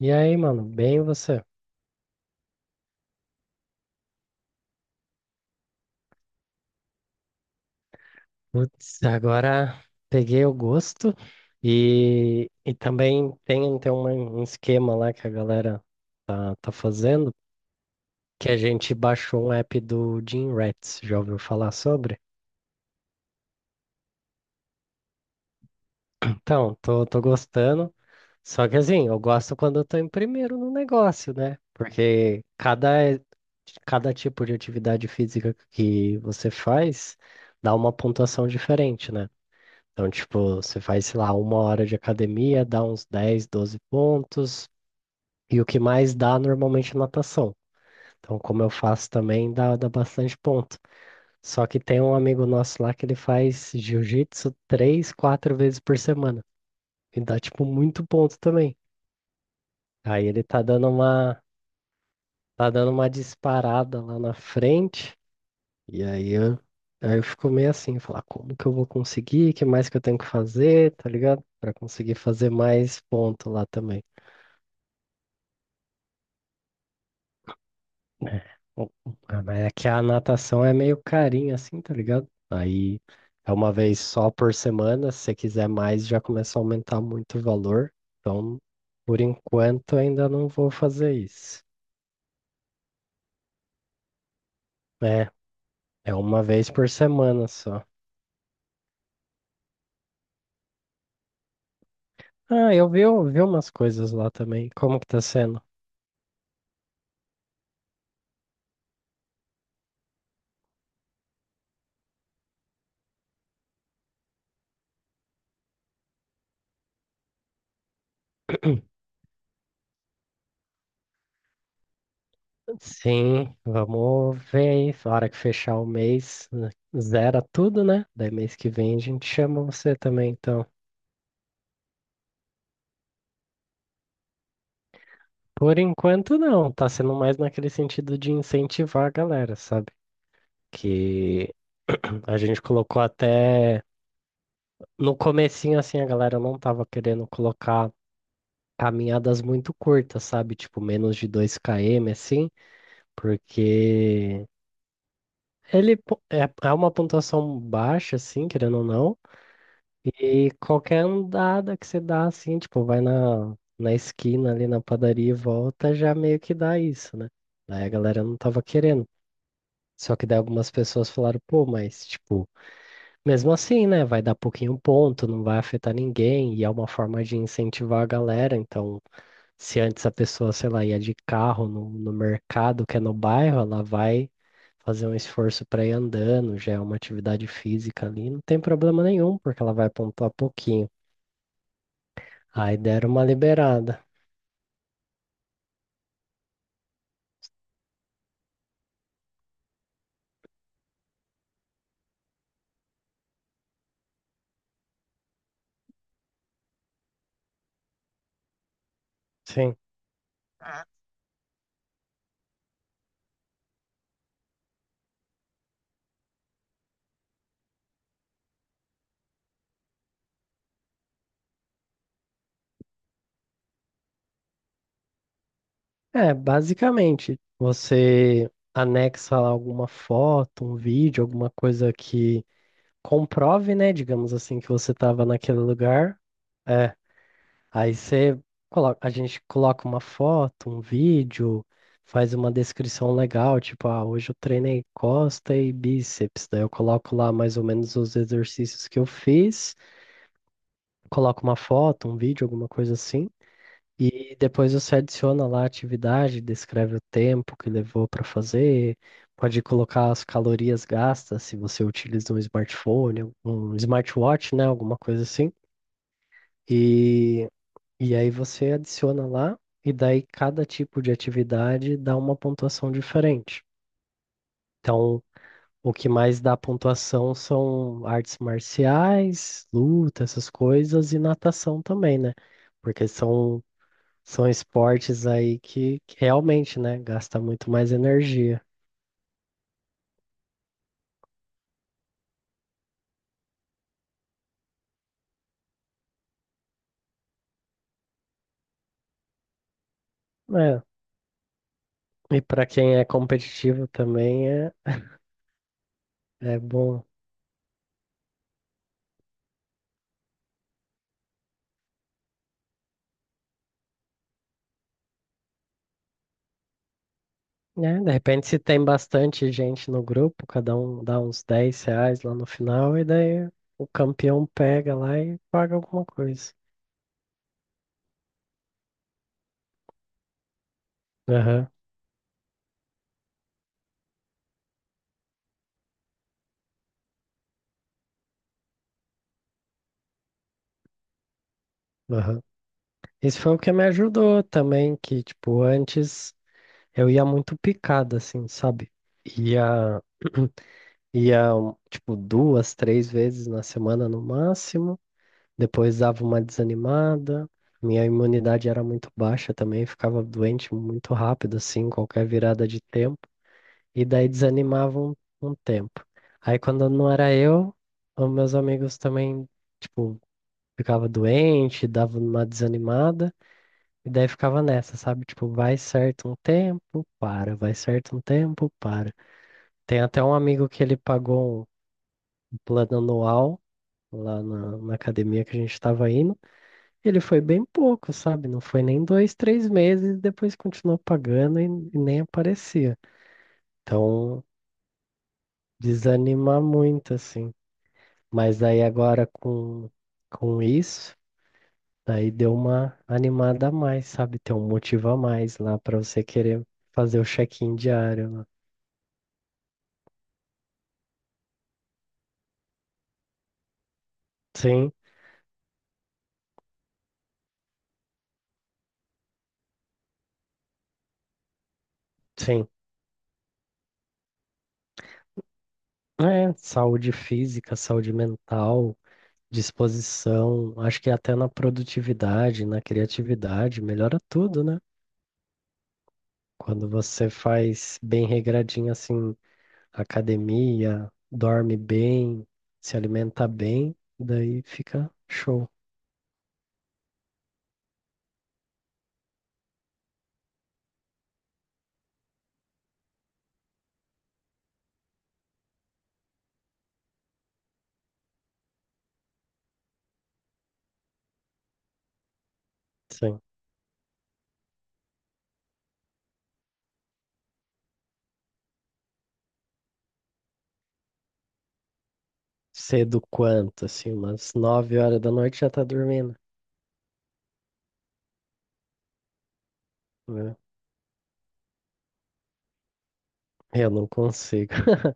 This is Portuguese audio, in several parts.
E aí, mano, bem você? Putz, agora peguei o gosto e também tem um esquema lá que a galera tá fazendo, que a gente baixou um app do Gym Rats, já ouviu falar sobre? Então, tô gostando, só que assim, eu gosto quando eu tô em primeiro no negócio, né? Porque cada tipo de atividade física que você faz dá uma pontuação diferente, né? Então, tipo, você faz, sei lá, uma hora de academia, dá uns 10, 12 pontos, e o que mais dá normalmente é natação. Então, como eu faço também, dá bastante ponto. Só que tem um amigo nosso lá que ele faz jiu-jitsu três, quatro vezes por semana. E dá, tipo, muito ponto também. Aí ele tá dando uma disparada lá na frente, e aí eu fico meio assim, falar, como que eu vou conseguir? O que mais que eu tenho que fazer, tá ligado? Pra conseguir fazer mais ponto lá também. É. O- ah, mas é que a natação é meio carinha, assim, tá ligado? Aí é uma vez só por semana. Se você quiser mais, já começa a aumentar muito o valor. Então, por enquanto, ainda não vou fazer isso. É, é uma vez por semana só. Ah, eu vi umas coisas lá também. Como que tá sendo? Sim, vamos ver aí. Na hora que fechar o mês, né, zera tudo, né? Daí mês que vem a gente chama você também, então. Por enquanto, não. Tá sendo mais naquele sentido de incentivar a galera, sabe? Que a gente colocou até no comecinho, assim, a galera não tava querendo colocar caminhadas muito curtas, sabe? Tipo, menos de 2 km, assim, porque ele po- é é uma pontuação baixa, assim, querendo ou não, e qualquer andada que você dá, assim, tipo, vai na esquina ali na padaria e volta, já meio que dá isso, né? Daí a galera não tava querendo. Só que daí algumas pessoas falaram, pô, mas tipo, mesmo assim, né? Vai dar pouquinho ponto, não vai afetar ninguém, e é uma forma de incentivar a galera. Então, se antes a pessoa, sei lá, ia de carro no mercado, que é no bairro, ela vai fazer um esforço para ir andando, já é uma atividade física ali, não tem problema nenhum, porque ela vai pontuar pouquinho. Aí deram uma liberada. Sim. É, basicamente, você anexa lá alguma foto, um vídeo, alguma coisa que comprove, né, digamos assim, que você estava naquele lugar. É, aí você coloca, a gente coloca uma foto, um vídeo, faz uma descrição legal, tipo, ah, hoje eu treinei costa e bíceps. Daí eu coloco lá mais ou menos os exercícios que eu fiz, coloco uma foto, um vídeo, alguma coisa assim. E depois você adiciona lá a atividade, descreve o tempo que levou para fazer, pode colocar as calorias gastas, se você utiliza um smartphone, um smartwatch, né, alguma coisa assim. E, e aí você adiciona lá, e daí cada tipo de atividade dá uma pontuação diferente. Então, o que mais dá pontuação são artes marciais, luta, essas coisas, e natação também, né? Porque são esportes aí que realmente, né, gasta muito mais energia. É, e para quem é competitivo também é, é bom, né? De repente, se tem bastante gente no grupo, cada um dá uns R$ 10 lá no final, e daí o campeão pega lá e paga alguma coisa. Aham, aham. Isso foi o que me ajudou também, que, tipo, antes eu ia muito picado, assim, sabe? Ia, ia, um, tipo, duas, três vezes na semana no máximo. Depois dava uma desanimada. Minha imunidade era muito baixa também, ficava doente muito rápido, assim, qualquer virada de tempo. E daí desanimava um tempo. Aí quando não era eu, os meus amigos também, tipo, ficava doente, dava uma desanimada. E daí ficava nessa, sabe? Tipo, vai certo um tempo, para, vai certo um tempo, para. Tem até um amigo que ele pagou um plano anual lá na academia que a gente estava indo. Ele foi bem pouco, sabe? Não foi nem 2, 3 meses, depois continuou pagando e nem aparecia. Então, desanima muito, assim. Mas daí agora com isso, daí deu uma animada a mais, sabe? Tem um motivo a mais lá para você querer fazer o check-in diário lá. Sim, sim. É, saúde física, saúde mental, disposição, acho que até na produtividade, na criatividade, melhora tudo, né? Quando você faz bem regradinho assim, academia, dorme bem, se alimenta bem, daí fica show. Sim. Cedo quanto, assim, umas 9h da noite já tá dormindo, né? Eu não consigo.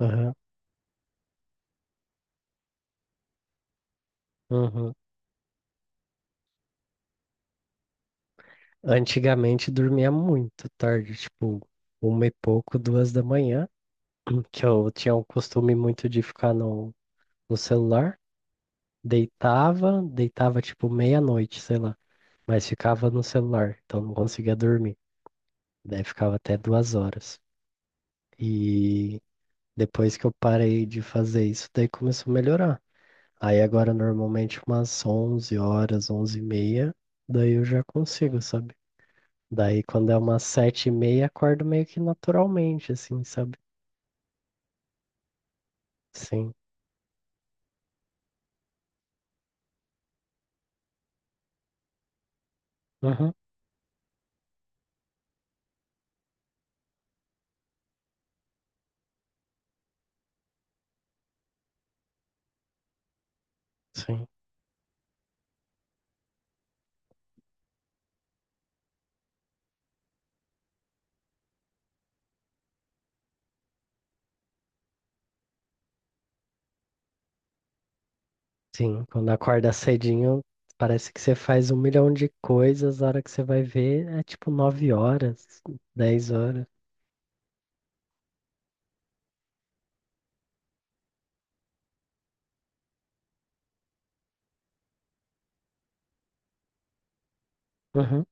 Aham, uhum. Antigamente dormia muito tarde, tipo, uma e pouco, 2h da manhã, que eu tinha o costume muito de ficar no celular. Deitava tipo meia-noite, sei lá. Mas ficava no celular, então não conseguia dormir. Daí ficava até 2h. E depois que eu parei de fazer isso, daí começou a melhorar. Aí agora normalmente umas 11h, 11h30, daí eu já consigo, sabe? Daí quando é umas 7h30, acordo meio que naturalmente, assim, sabe? Sim. Uhum. Sim. Sim, quando acorda cedinho, parece que você faz um milhão de coisas, a hora que você vai ver é tipo 9h, 10h. Uhum.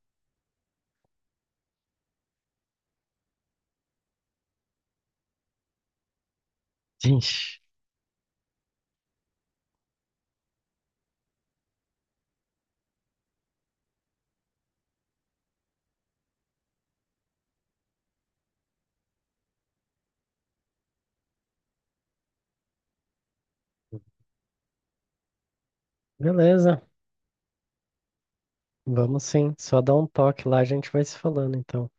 Gente, beleza. Vamos sim. Só dá um toque lá, a gente vai se falando então.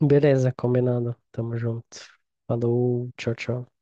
Beleza, combinado. Tamo junto. Falou, tchau, tchau.